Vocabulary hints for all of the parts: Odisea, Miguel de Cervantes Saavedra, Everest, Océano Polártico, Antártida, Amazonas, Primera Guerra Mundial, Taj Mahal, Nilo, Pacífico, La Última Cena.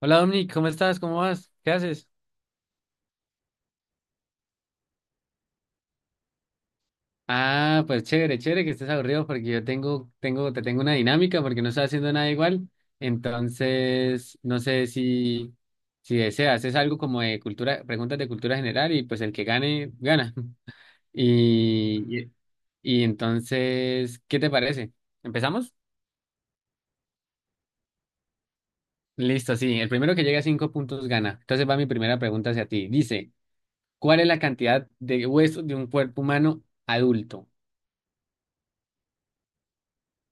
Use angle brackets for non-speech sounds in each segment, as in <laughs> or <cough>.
Hola Dominic, ¿cómo estás? ¿Cómo vas? ¿Qué haces? Ah, pues chévere, chévere que estés aburrido porque yo tengo, tengo, te tengo una dinámica porque no estoy haciendo nada igual. Entonces, no sé si, si deseas, es algo como de cultura, preguntas de cultura general y pues el que gane, gana. <laughs> Y, y y entonces, ¿qué te parece? ¿Empezamos? Listo, sí, el primero que llegue a cinco puntos gana. Entonces va mi primera pregunta hacia ti. Dice, ¿cuál es la cantidad de huesos de un cuerpo humano adulto?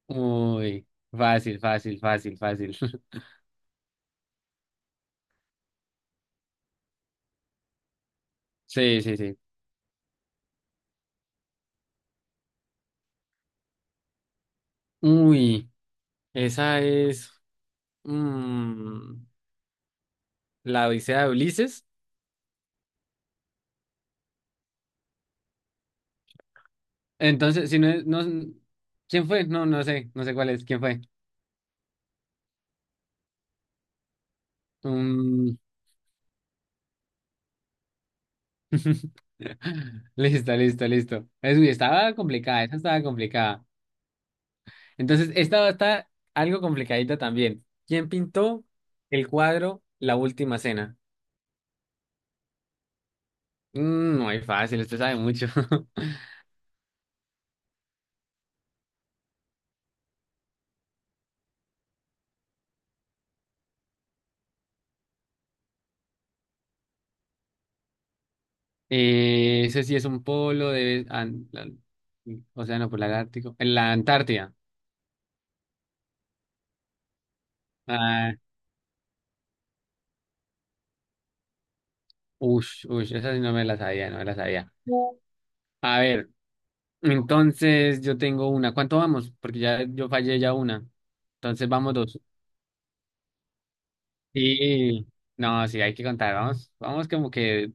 Uy, fácil, fácil, fácil, fácil. <laughs> Sí, sí, sí. Uy, esa es mm, la Odisea de Ulises. Entonces, si no es, no, ¿quién fue? No, no sé, no sé cuál es, ¿quién fue? Mm. <laughs> Listo, listo, listo. Es, uy, estaba complicada, esa estaba complicada. Entonces, esta está algo complicadita también. ¿Quién pintó el cuadro La Última Cena? Mm, muy fácil, usted sabe mucho. <laughs> Ese sí es un polo de... Océano Polártico. En la Antártida. Ah, ush, ush, esa sí no me la sabía, no me la sabía. A ver, entonces yo tengo una. ¿Cuánto vamos? Porque ya yo fallé ya una. Entonces vamos dos. Sí, no, sí, hay que contar. Vamos, vamos como que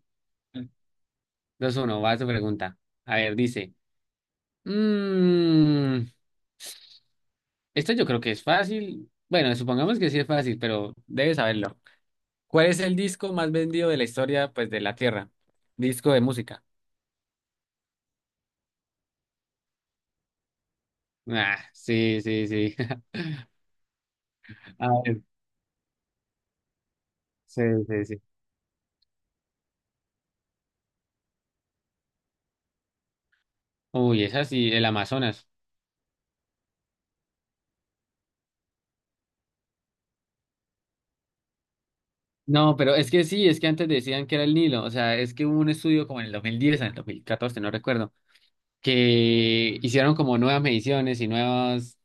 dos uno. Va su pregunta. A ver, dice. Mmm, esto yo creo que es fácil. Bueno, supongamos que sí es fácil, pero debes saberlo. ¿Cuál es el disco más vendido de la historia, pues, de la Tierra? Disco de música. Ah, sí, sí, sí. <laughs> A ver, sí, sí, sí. Uy, esa sí, el Amazonas. No, pero es que sí, es que antes decían que era el Nilo. O sea, es que hubo un estudio como en el 2010, en el 2014, no recuerdo, que hicieron como nuevas mediciones y nuevos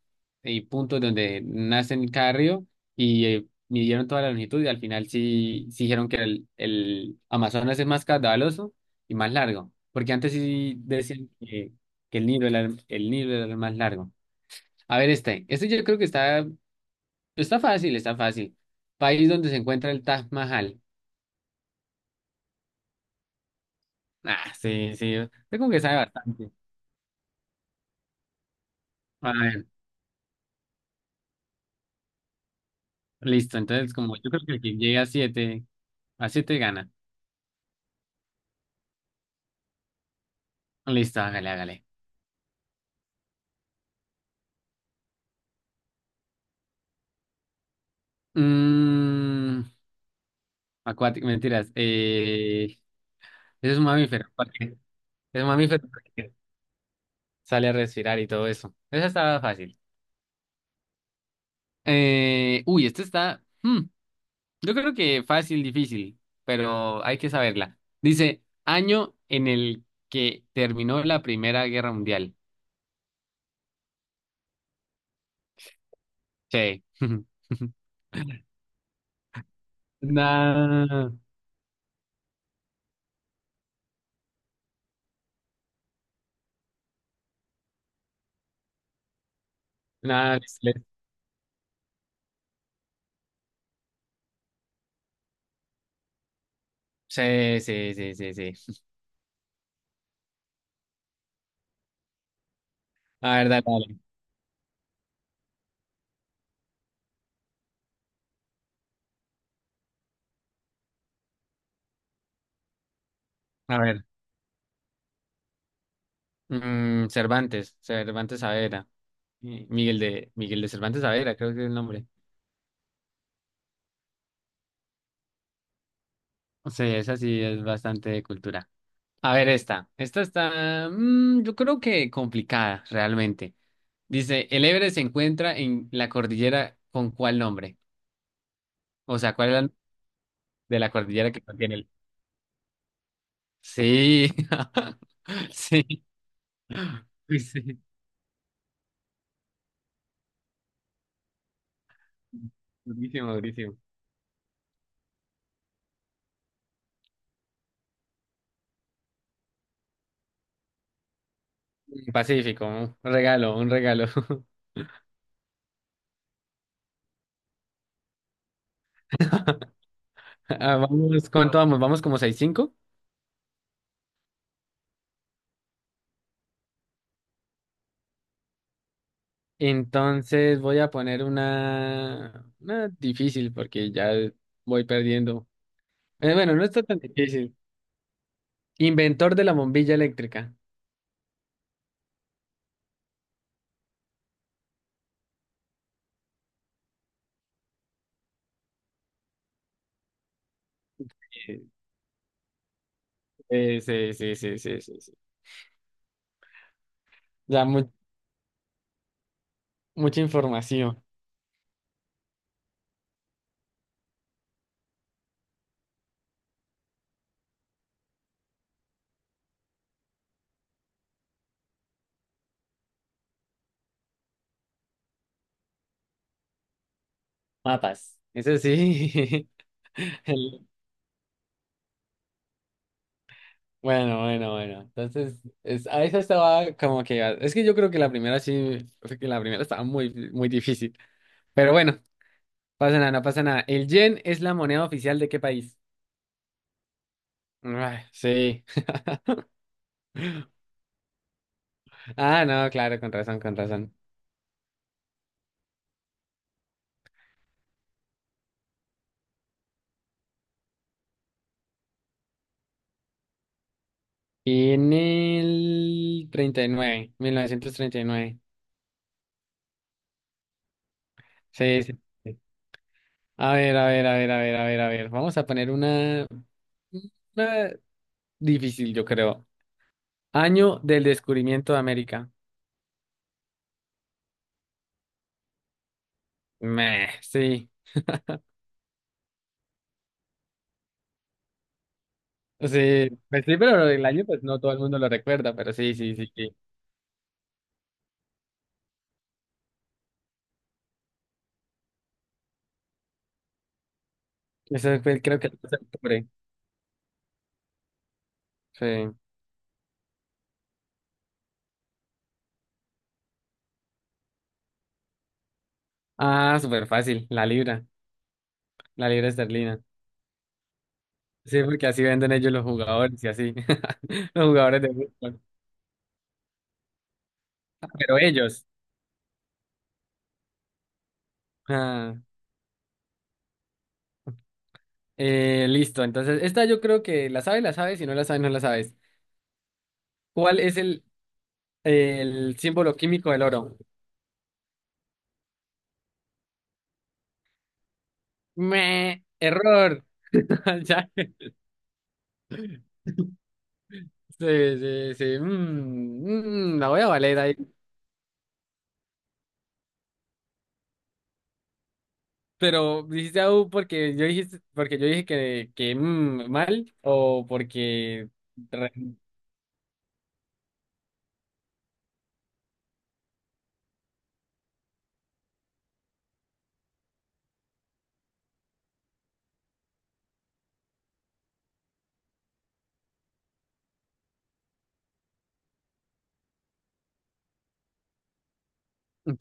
puntos donde nacen cada río y midieron toda la longitud y al final sí, sí dijeron que el Amazonas es más caudaloso y más largo, porque antes sí decían que el Nilo era, el Nilo era el más largo. A ver este, este yo creo que está fácil, está fácil. País donde se encuentra el Taj Mahal. Ah, sí, sí, usted como que sabe bastante. A ver, listo, entonces como yo creo que el que llegue a siete gana. Listo, hágale, hágale. Mm, acuático, mentiras. Es un mamífero, porque es un mamífero porque sale a respirar y todo eso. Esa estaba fácil. Uy, esta está. Yo creo que fácil, difícil, pero hay que saberla. Dice, año en el que terminó la Primera Guerra Mundial. Sí. <laughs> Nah, nah, sí, sí, sí, sí, sí. A ver, dale, dale. A ver. Mm, Cervantes, Cervantes Saavedra. Miguel de Cervantes Saavedra, creo que es el nombre. Sí, esa sí es bastante de cultura. A ver, esta. Esta está, mm, yo creo que complicada, realmente. Dice, ¿el Everest se encuentra en la cordillera con cuál nombre? O sea, ¿cuál es la de la cordillera que contiene el...? Sí, <laughs> sí, sí, sí. Durísimo, durísimo. Pacífico, un regalo, un regalo. <laughs> Ah, vamos, ¿cuánto vamos? ¿Vamos como seis cinco? Entonces voy a poner una difícil porque ya voy perdiendo. Bueno, no está tan difícil. Inventor de la bombilla eléctrica. Sí, sí, sí, sí, sí, sí. Ya mu- mucha información. Mapas. Eso sí. <laughs> El... Bueno, bueno, bueno. Entonces, a esa estaba como que... Es que yo creo que la primera sí, fue que la primera estaba muy, muy difícil. Pero bueno, pasa nada, no pasa nada. ¿El yen es la moneda oficial de qué país? Ah, sí. <laughs> Ah, no, claro, con razón, con razón. Y en el 39, 1939. Sí, sí, sí. A ver, a ver, a ver, a ver, a ver, a ver. Vamos a poner una difícil, yo creo. Año del descubrimiento de América. Meh, sí. Sí, pues sí, pero el año, pues no todo el mundo lo recuerda, pero sí, sí, sí, sí. Eso fue, creo que el 12 de octubre. Sí. Ah, súper fácil. La libra esterlina. Sí, porque así venden ellos los jugadores y así. <laughs> Los jugadores de fútbol. Pero ellos. Ah, listo. Entonces, esta yo creo que la sabes, la sabes. Si no la sabes, no la sabes. ¿Cuál es el símbolo químico del oro? Me, error. <laughs> Ya. Sí, sí, sí. Mm, mm, la voy a valer ahí. Pero dijiste au porque yo dijiste, porque yo dije que, mal o porque. re-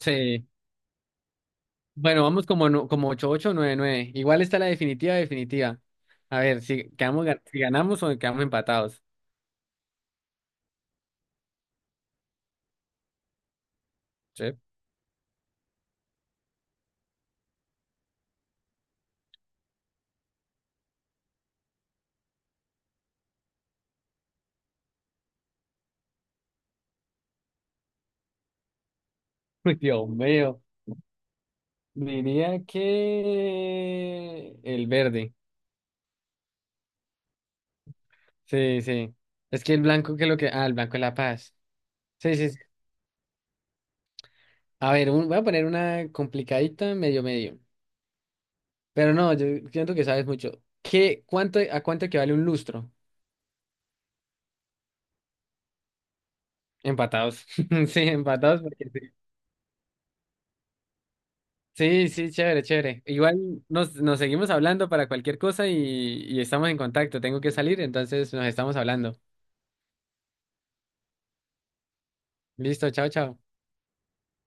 Sí. Bueno, vamos como, como ocho ocho nueve nueve. Igual está la definitiva, definitiva. A ver, si, quedamos, si ganamos o quedamos empatados. Sí. <laughs> Uy, Dios mío. Diría que el verde. Sí, sí. Es que el blanco, ¿qué es lo que? Ah, el blanco es la paz. Sí, sí, sí. A ver, voy a poner una complicadita medio medio. Pero no, yo siento que sabes mucho. ¿Qué, cuánto, a cuánto equivale un lustro? Empatados. <laughs> Sí, empatados. Sí, sí, chévere, chévere. Igual nos, nos seguimos hablando para cualquier cosa y estamos en contacto. Tengo que salir, entonces nos estamos hablando. Listo, chao, chao.